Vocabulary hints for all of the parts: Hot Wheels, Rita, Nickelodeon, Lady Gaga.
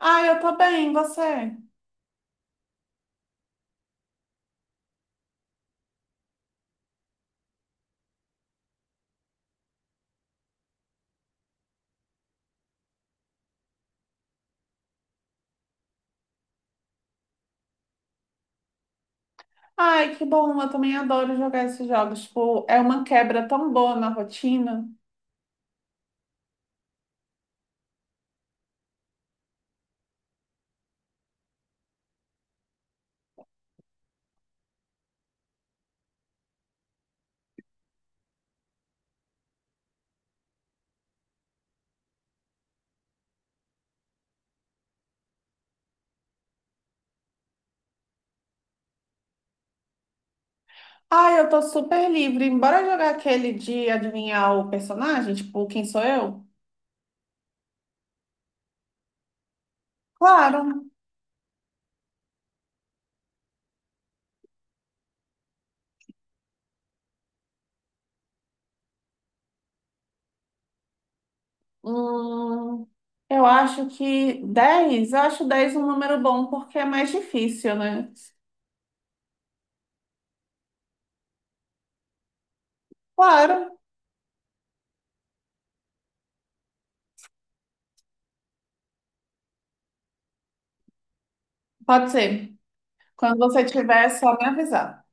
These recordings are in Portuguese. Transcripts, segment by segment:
Ah, eu tô bem, você? Ai, que bom, eu também adoro jogar esses jogos. Tipo, é uma quebra tão boa na rotina. Ai, eu tô super livre. Bora jogar aquele de adivinhar o personagem? Tipo, quem sou eu? Claro. Hum, eu acho que 10, eu acho 10 um número bom, porque é mais difícil, né? Claro, pode ser. Quando você tiver, é só me avisar.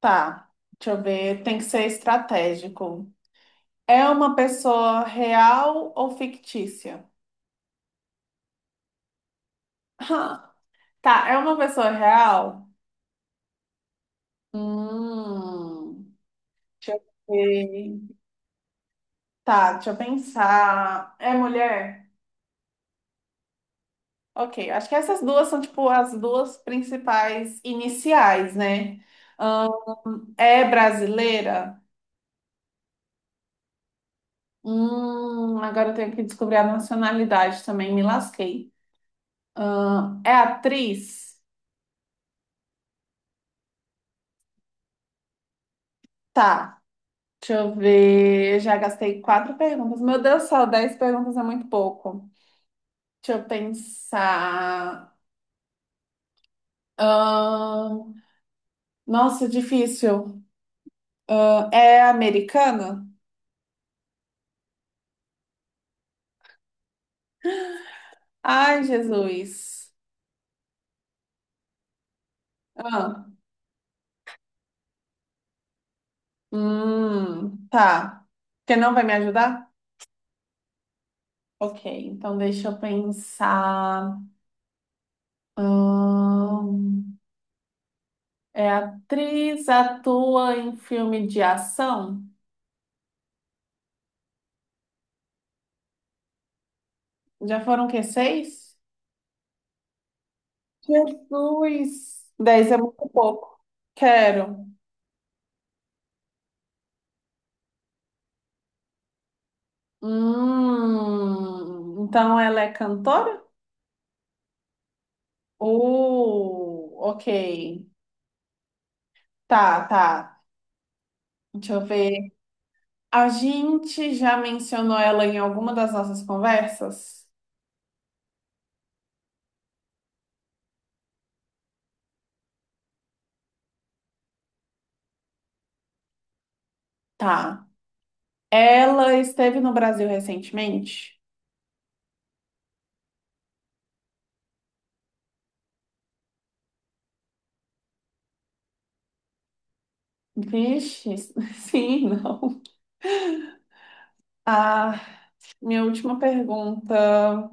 Tá, deixa eu ver, tem que ser estratégico. É uma pessoa real ou fictícia? Ah, tá, é uma pessoa real? Hum, Deixa eu ver. Tá, deixa eu pensar. É mulher? Ok, acho que essas duas são, tipo, as duas principais iniciais, né? É brasileira? Agora eu tenho que descobrir a nacionalidade também, me lasquei. É atriz? Tá. Deixa eu ver. Eu já gastei quatro perguntas. Meu Deus do céu, 10 perguntas é muito pouco. Deixa eu pensar. Ahn, nossa, difícil. É americana? Ai, Jesus. Ah, tá. Você não vai me ajudar? Ok, então deixa eu pensar. Ahn, É atriz, atua em filme de ação? Já foram o quê? Seis? Jesus! 10 é muito pouco. Quero. Então ela é cantora? Ok. Tá, tá. Deixa eu ver. A gente já mencionou ela em alguma das nossas conversas? Tá. Ela esteve no Brasil recentemente? Vixe, sim, não. Ah, minha última pergunta.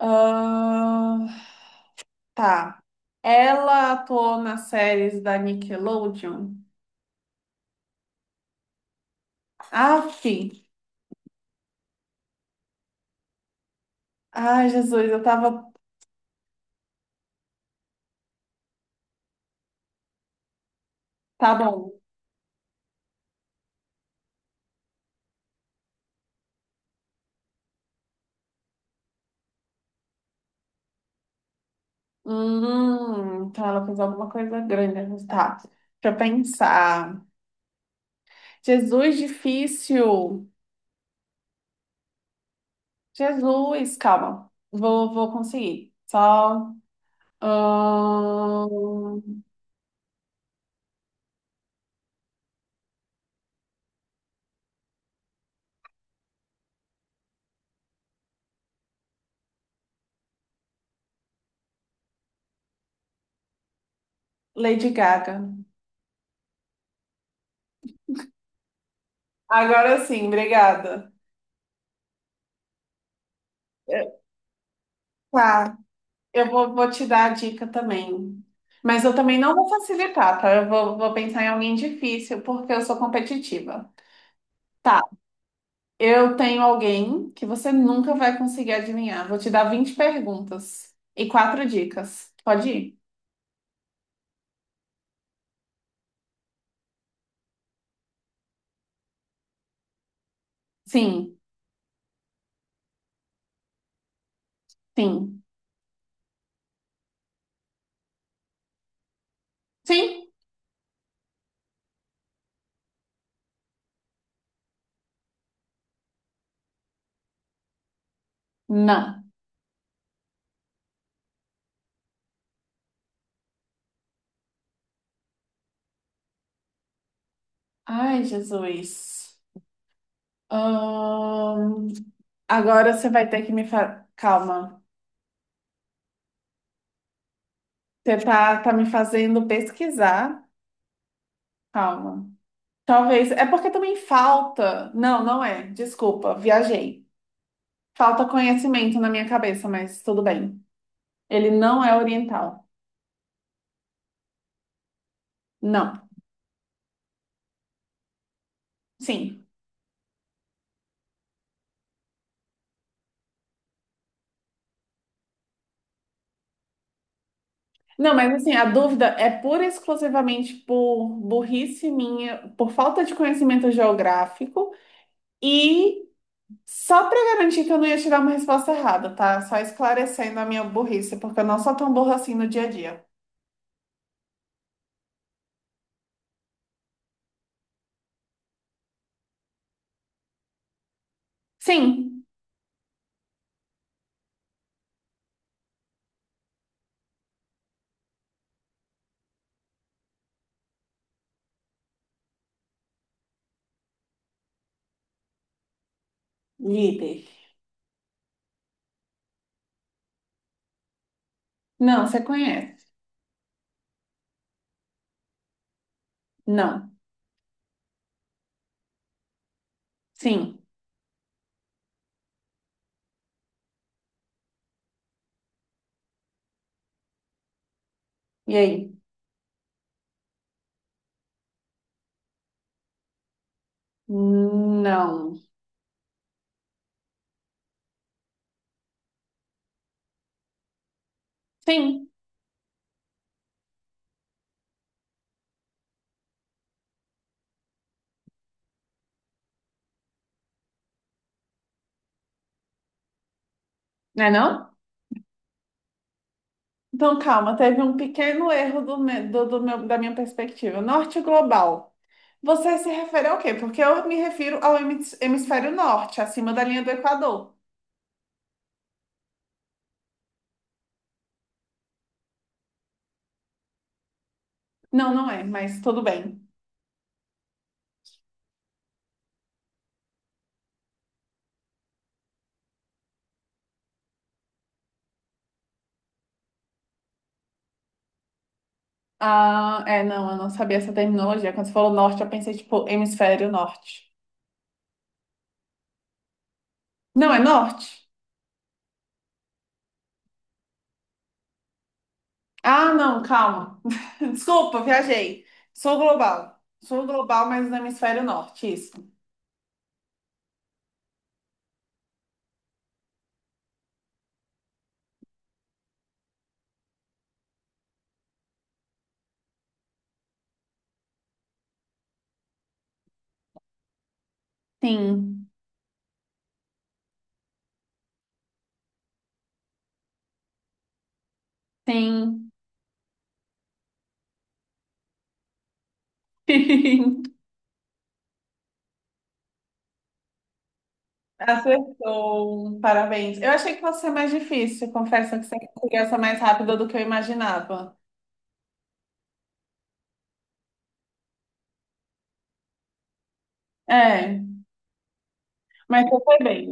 Ah, tá. Ela atuou nas séries da Nickelodeon. Aff! Ai, Jesus, eu tava. Tá bom. Então ela fez alguma coisa grande, mas tá. Deixa eu pensar. Jesus, difícil. Jesus, calma. Vou conseguir. Só. Ahn, Lady Gaga. Agora sim, obrigada. Tá. Eu vou te dar a dica também. Mas eu também não vou facilitar, tá? Eu vou pensar em alguém difícil, porque eu sou competitiva. Tá, eu tenho alguém que você nunca vai conseguir adivinhar. Vou te dar 20 perguntas e quatro dicas. Pode ir? Sim, sim. Sim? Não. Ai, Jesus. Ahn, Agora você vai ter que me fa... Calma. Você tá me fazendo pesquisar. Calma. Talvez. É porque também falta. Não, não é. Desculpa, viajei. Falta conhecimento na minha cabeça, mas tudo bem. Ele não é oriental. Não. Sim. Não, mas assim, a dúvida é pura e exclusivamente por burrice minha, por falta de conhecimento geográfico e só para garantir que eu não ia tirar uma resposta errada, tá? Só esclarecendo a minha burrice, porque eu não sou tão burra assim no dia a dia. Sim. Líder. Não, você conhece. Não. Sim. E aí? Não. Sim, né não? Então, calma, teve um pequeno erro do, me- do- do meu- da minha perspectiva. Norte global. Você se refere ao quê? Porque eu me refiro ao hemisfério norte, acima da linha do Equador. Não, não é, mas tudo bem. Ah, é, não, eu não sabia essa terminologia. Quando você falou norte, eu pensei, tipo, hemisfério norte. Não, é norte? Ah, não, calma. Desculpa, viajei. Sou global. Sou global, mas no hemisfério norte, isso. Sim. Sim. Acertou. Parabéns. Eu achei que fosse ser mais difícil. Confesso que você conseguiu essa mais rápida do que eu imaginava. É, mas eu foi bem.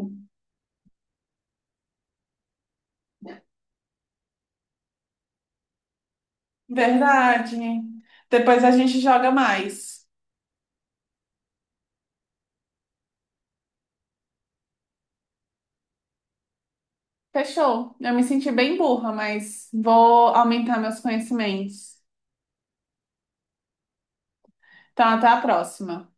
Verdade. Depois a gente joga mais. Fechou. Eu me senti bem burra, mas vou aumentar meus conhecimentos. Então, até a próxima.